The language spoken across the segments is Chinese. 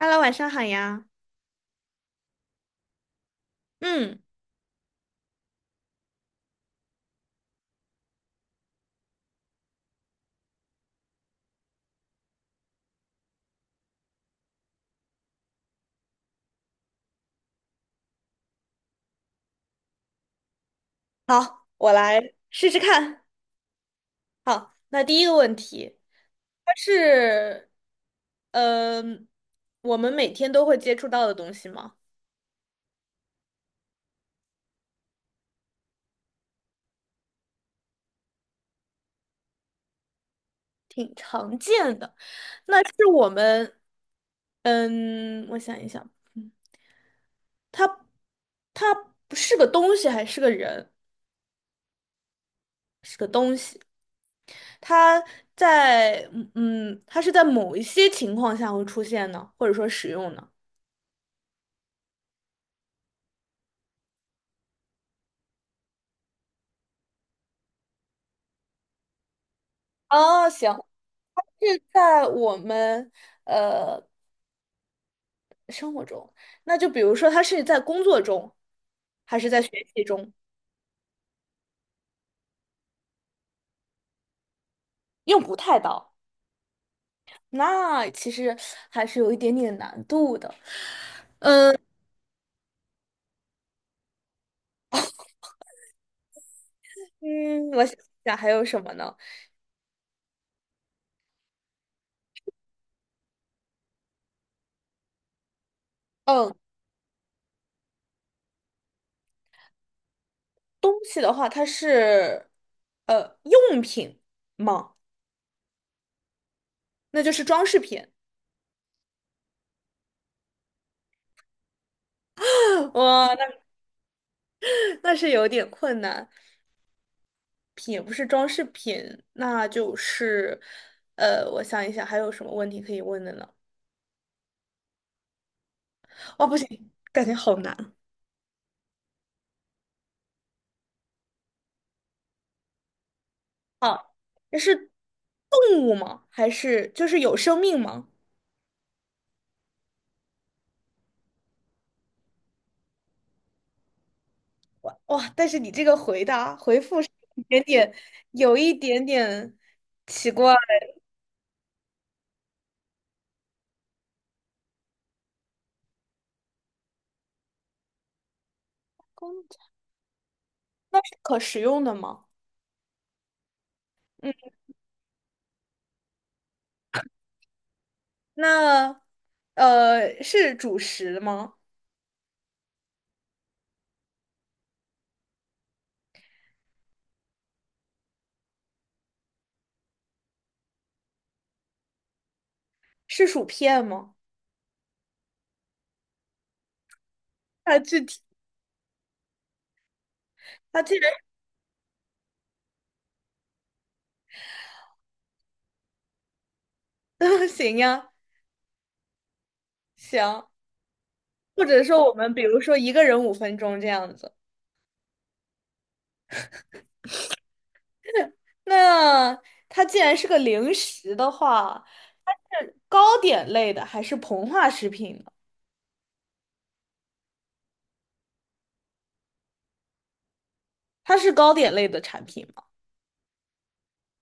h e 晚上好呀。嗯，好，我来试试看。那第一个问题，它是，嗯、我们每天都会接触到的东西吗？挺常见的。那是我们，我想一想，它，它不是个东西，还是个人？是个东西。它它是在某一些情况下会出现呢，或者说使用呢？哦，行，是在我们呃生活中，那就比如说他是在工作中，还是在学习中，用不太到，那其实还是有一点点难度的。嗯，我想想还有什么呢？嗯，东西的话，它是呃用品吗？那就是装饰品。哇，那是有点困难。品，也不是装饰品，那就是，我想一想还有什么问题可以问的呢？哦，不行，感觉好难。啊！这是动物吗？还是就是有生命吗？哇，但是你这个回答回复是有一点点，有一点点奇怪。公仔那是可食用的吗？嗯，那是主食吗？是薯片吗？它具体它居然 行呀，行。或者说我们比如说一个人5分钟这样子。那它既然是个零食的话，它是糕点类的还是膨化食品呢？它是糕点类的产品吗？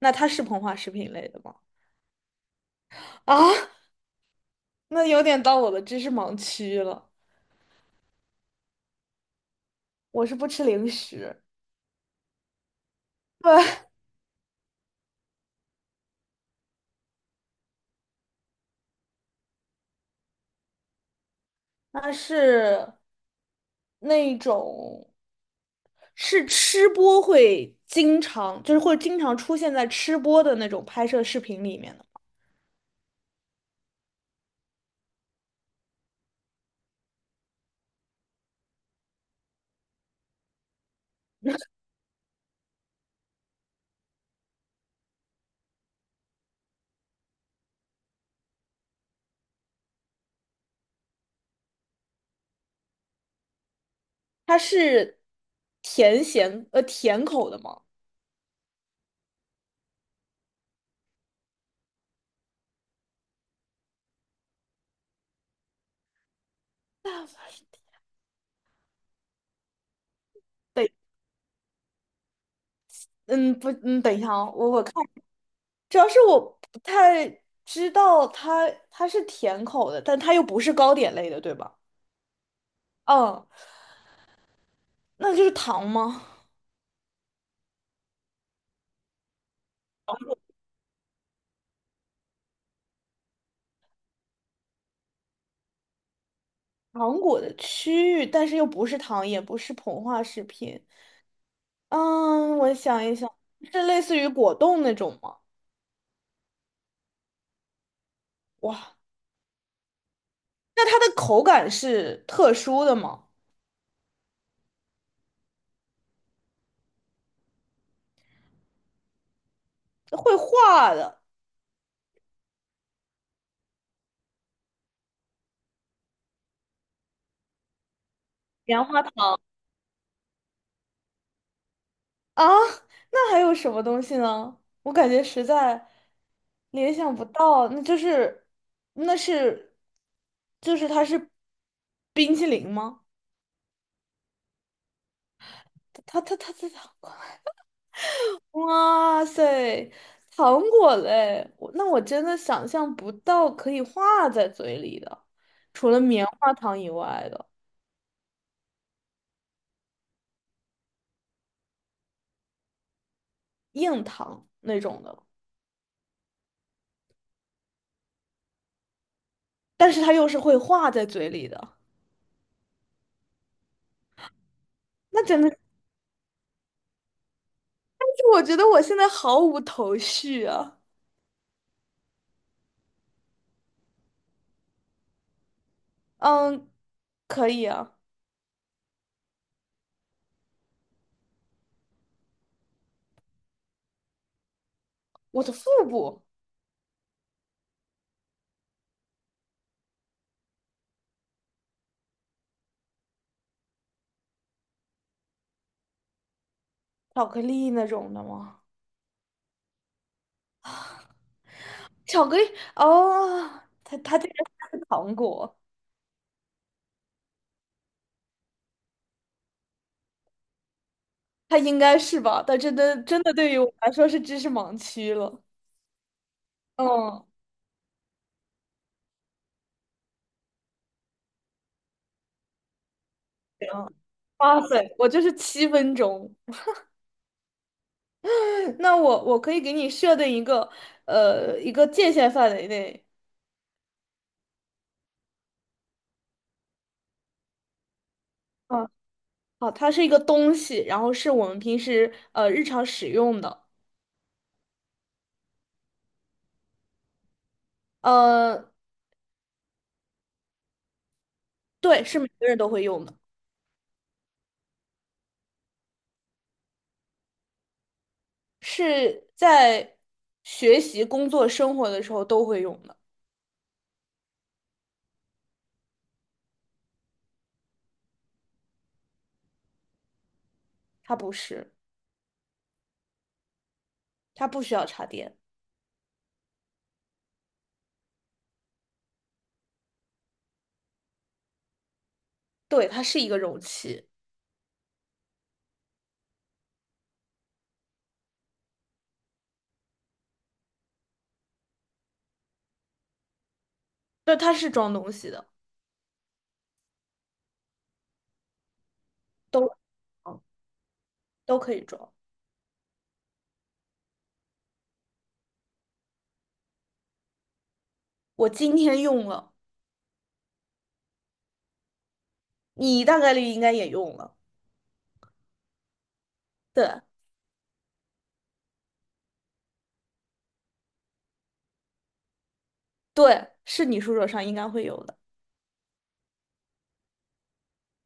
那它是膨化食品类的吗？啊，那有点到我的知识盲区了。我是不吃零食，对，它是那种是吃播会经常出现在吃播的那种拍摄视频里面的。它是甜口的吗？等嗯不等一下啊，我看，主要是我不太知道它是甜口的，但它又不是糕点类的，对吧？嗯，那就是糖吗？糖果的区域，但是又不是糖，也不是膨化食品。嗯，我想一想，是类似于果冻那种吗？哇，那它的口感是特殊的吗？会化的棉花糖。啊，那还有什么东西呢？我感觉实在联想不到，那就是，那是，就是它是冰淇淋吗？它，哇塞，糖果嘞！我真的想象不到可以化在嘴里的，除了棉花糖以外的硬糖那种的，但是它又是会化在嘴里的，那真的是我觉得我现在毫无头绪啊。嗯，可以啊。我的腹部，巧克力那种的吗？巧克力哦，它这个是糖果，它应该是吧？但真的真的对于我来说是知识盲区了。嗯，行，哇塞，我就是7分钟。那我可以给你设定一个一个界限范围内。嗯，好，它是一个东西，然后是我们平时日常使用的。呃，对，是每个人都会用的。是在学习、工作、生活的时候都会用的。它不是，它不需要插电。对，它是一个容器，就它是装东西的，都都可以装。我今天用了，你大概率应该也用了。对对，是你书桌上应该会有的，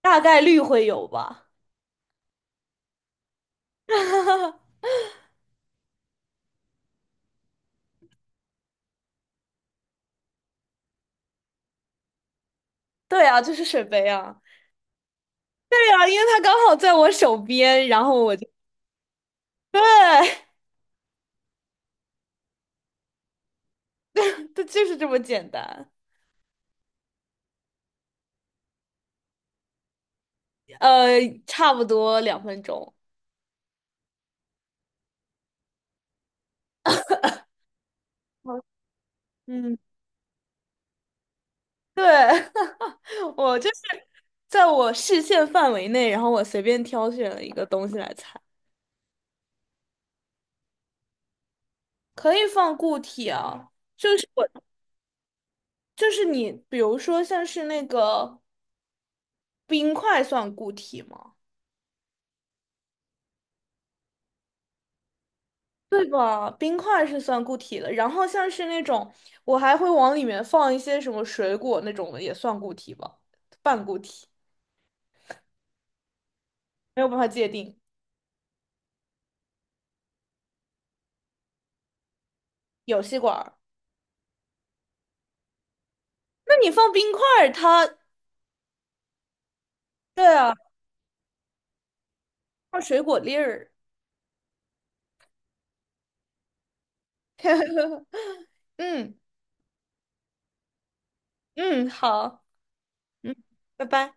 大概率会有吧。对啊，就是水杯啊。对啊，因为它刚好在我手边，然后我就对，它就是这么简单。呃，差不多2分钟。嗯嗯，对，我就是在我视线范围内，然后我随便挑选了一个东西来猜，可以放固体啊，就是我，就是你，比如说像是那个冰块算固体吗？对吧？冰块是算固体的，然后像是那种我还会往里面放一些什么水果那种的，也算固体吧，半固体，没有办法界定。有吸管儿，那你放冰块儿，对啊，放水果粒儿，嗯。嗯，好，嗯，拜拜。